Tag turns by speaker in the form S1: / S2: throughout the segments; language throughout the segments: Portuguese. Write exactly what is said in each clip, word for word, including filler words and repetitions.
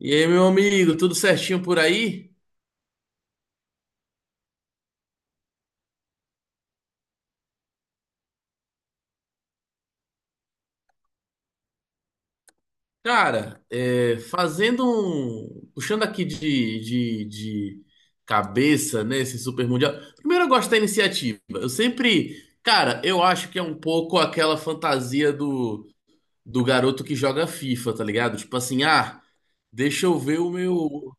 S1: E aí, meu amigo, tudo certinho por aí? Cara, é, fazendo um. Puxando aqui de, de, de cabeça, né, esse Super Mundial. Primeiro, eu gosto da iniciativa. Eu sempre. Cara, eu acho que é um pouco aquela fantasia do, do garoto que joga FIFA, tá ligado? Tipo assim, ah, deixa eu ver o meu,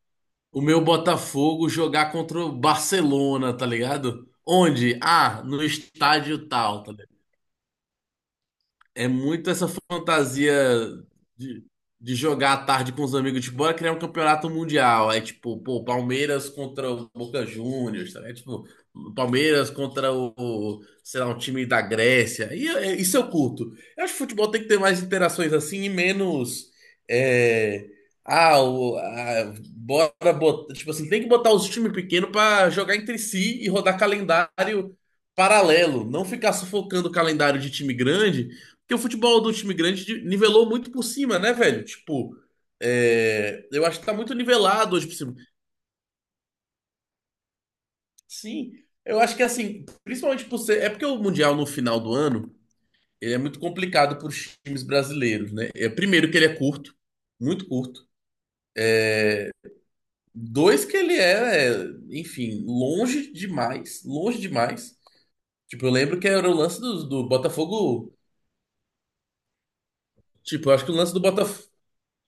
S1: o meu Botafogo jogar contra o Barcelona, tá ligado? Onde? Ah, no estádio tal, tá. É muito essa fantasia de, de jogar à tarde com os amigos, tipo, bora criar um campeonato mundial. Aí, tipo, pô, Palmeiras contra o Boca Juniors, tá? É, tipo, Palmeiras contra o, o, sei lá, um time da Grécia. E, é, isso eu curto. Eu acho que futebol tem que ter mais interações assim e menos. é, ah, o, ah, bora botar. Tipo assim, tem que botar os times pequenos pra jogar entre si e rodar calendário paralelo. Não ficar sufocando o calendário de time grande, porque o futebol do time grande de- nivelou muito por cima, né, velho? Tipo, é, eu acho que tá muito nivelado hoje por cima. Sim, eu acho que assim, principalmente por ser. É porque o Mundial no final do ano, ele é muito complicado pros times brasileiros, né? É, primeiro que ele é curto, muito curto. Dois que ele é, é, enfim, longe demais, longe demais. Tipo, eu lembro que era o lance do, do Botafogo. Tipo, eu acho que o lance do Botafogo.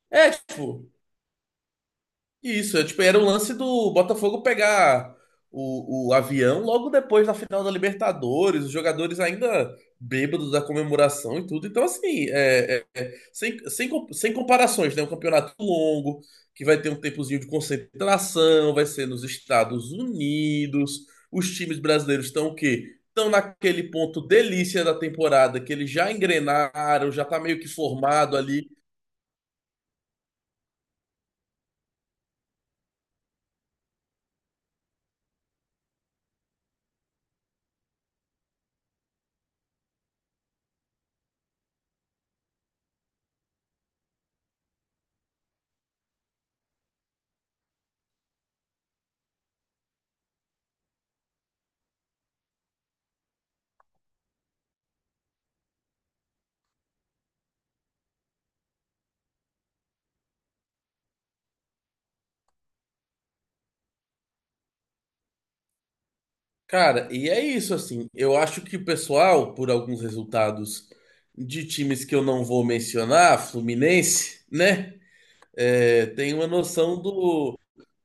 S1: É, tipo, Isso, é, tipo, era o lance do Botafogo pegar o, o avião logo depois da final da Libertadores, os jogadores ainda bêbados da comemoração e tudo. Então, assim, é, é, é, sem, sem, com- sem comparações, né? Um campeonato longo, que vai ter um tempozinho de concentração, vai ser nos Estados Unidos. Os times brasileiros estão o quê? Estão naquele ponto delícia da temporada, que eles já engrenaram, já tá meio que formado ali. Cara, e é isso, assim. Eu acho que o pessoal, por alguns resultados de times que eu não vou mencionar, Fluminense, né? é, tem uma noção do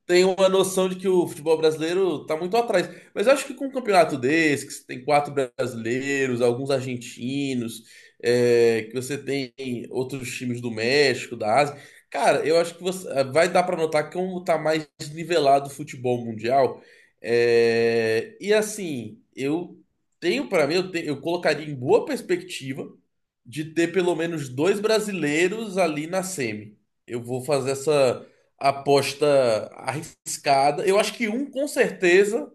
S1: tem uma noção de que o futebol brasileiro tá muito atrás. Mas eu acho que com um campeonato desse, que você tem quatro brasileiros, alguns argentinos, é, que você tem outros times do México, da Ásia, cara, eu acho que você vai dar para notar que como tá mais nivelado o futebol mundial. É, e assim, eu tenho para mim, eu, te- eu colocaria em boa perspectiva de ter pelo menos dois brasileiros ali na semi. Eu vou fazer essa aposta arriscada. Eu acho que um com certeza,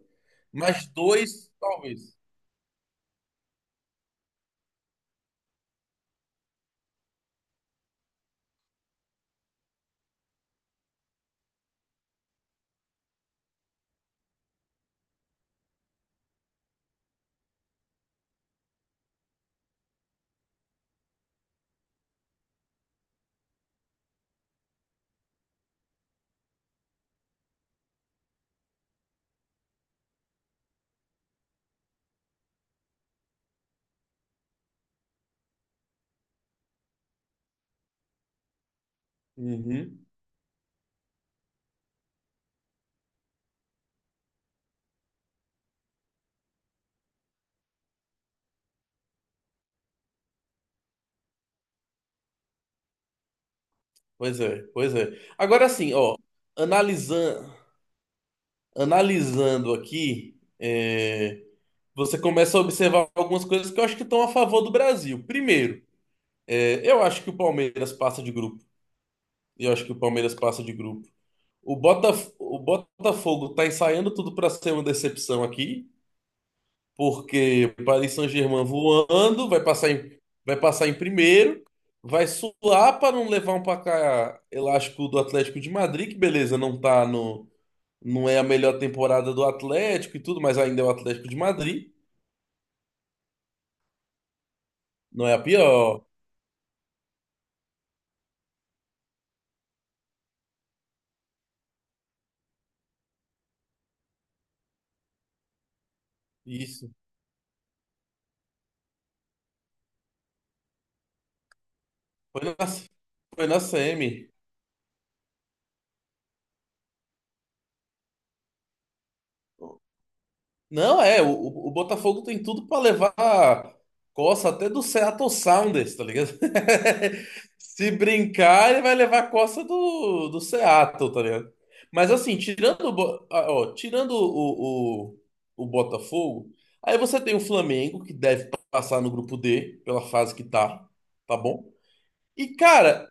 S1: mas dois talvez. Uhum. Pois é, pois é. Agora assim, ó, analisando, analisando aqui, é, você começa a observar algumas coisas que eu acho que estão a favor do Brasil. Primeiro, é, eu acho que o Palmeiras passa de grupo. Eu acho que o Palmeiras passa de grupo. O, Botaf o Botafogo tá ensaiando tudo para ser uma decepção aqui. Porque o Paris Saint-Germain voando, vai passar em, vai passar em primeiro, vai suar para não levar um placar elástico do Atlético de Madrid, que beleza, não tá no, não é a melhor temporada do Atlético e tudo, mas ainda é o Atlético de Madrid, não é a pior. Isso. Foi na, foi na semi. Não, é, o, o Botafogo tem tudo pra levar coça até do Seattle Sounders, tá ligado? Se brincar, ele vai levar coça do, do Seattle, tá ligado? Mas assim, tirando o, Bo- ah, ó, tirando o, o, o Botafogo, aí você tem o Flamengo, que deve passar no grupo D, pela fase que tá, tá bom? E cara,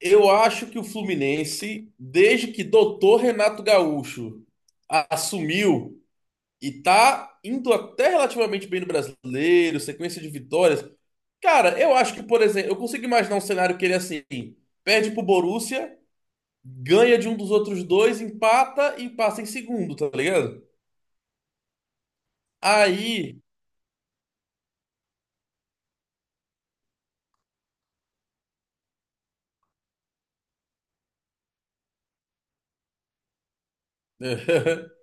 S1: eu acho que o Fluminense, desde que doutor Renato Gaúcho assumiu e tá indo até relativamente bem no brasileiro, sequência de vitórias. Cara, eu acho que, por exemplo, eu consigo imaginar um cenário que ele assim, perde pro Borussia, ganha de um dos outros dois, empata e passa em segundo, tá ligado? Aí.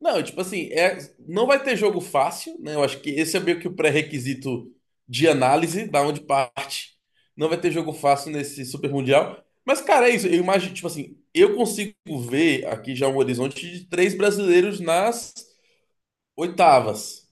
S1: Não, tipo assim, é, não vai ter jogo fácil, né? Eu acho que esse é meio que o pré-requisito de análise, da onde parte. Não vai ter jogo fácil nesse Super Mundial. Mas, cara, é isso. Eu imagino, tipo assim, eu consigo ver aqui já um horizonte de três brasileiros nas oitavas.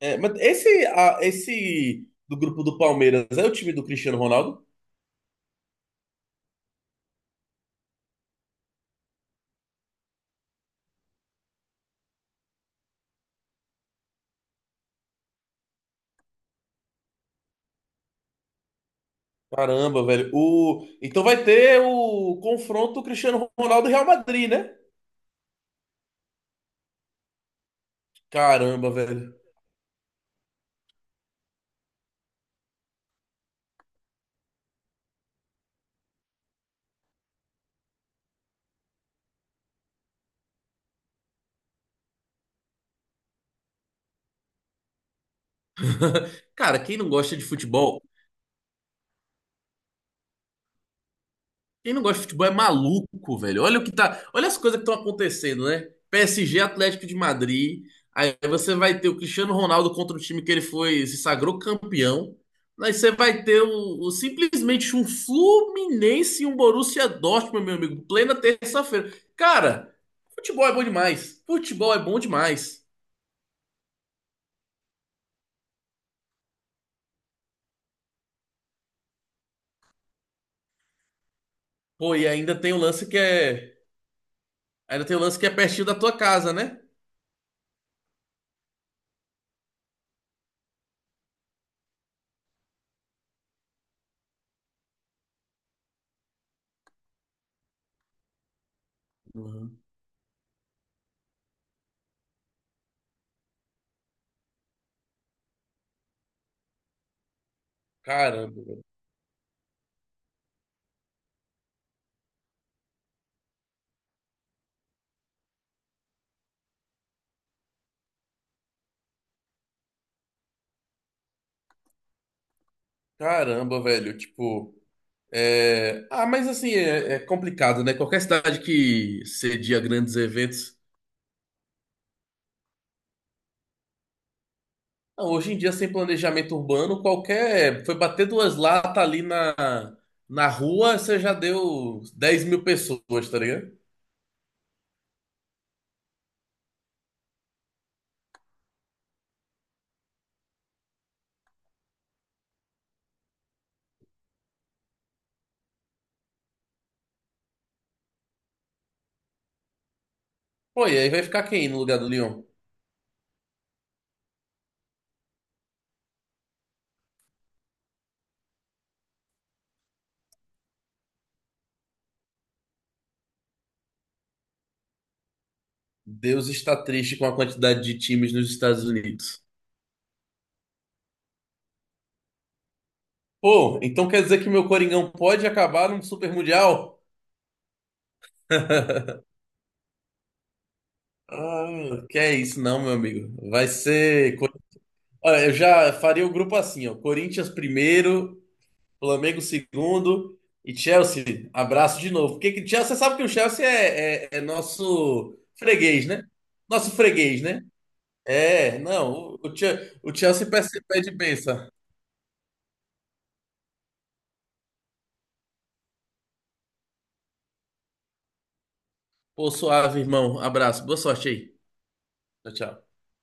S1: É, mas esse, a- esse do grupo do Palmeiras é o time do Cristiano Ronaldo? Caramba, velho. O, então vai ter o confronto Cristiano Ronaldo e Real Madrid, né? Caramba, velho. Cara, quem não gosta de futebol, quem não gosta de futebol é maluco, velho. Olha o que tá, olha as coisas que estão acontecendo, né? P S G, Atlético de Madrid. Aí você vai ter o Cristiano Ronaldo contra o time que ele foi, se sagrou campeão. Aí você vai ter o, o- simplesmente um Fluminense e um Borussia Dortmund, meu amigo, plena terça-feira. Cara, futebol é bom demais. Futebol é bom demais. Pô, e ainda tem o lance que é, ainda tem o lance que é pertinho da tua casa, né? Uhum. Caramba. Caramba, velho, tipo. é, Ah, mas assim, é, é complicado, né? Qualquer cidade que cedia grandes eventos. Não, hoje em dia, sem planejamento urbano, qualquer. Foi bater duas latas ali na, na rua, você já deu dez mil pessoas, tá ligado? Pô, e aí vai ficar quem no lugar do Lyon? Deus está triste com a quantidade de times nos Estados Unidos. Pô, então quer dizer que meu Coringão pode acabar num Super Mundial? Ah, que é isso, não, meu amigo. Vai ser. Olha, eu já faria o grupo assim, ó. Corinthians primeiro, Flamengo segundo e Chelsea. Abraço de novo. Porque que- Chelsea, você sabe que o Chelsea é, é- é nosso freguês, né? Nosso freguês, né? É, não. O, o Che- o Chelsea pede pede bênção. Pô, suave, irmão. Abraço. Boa sorte aí. Tchau, tchau.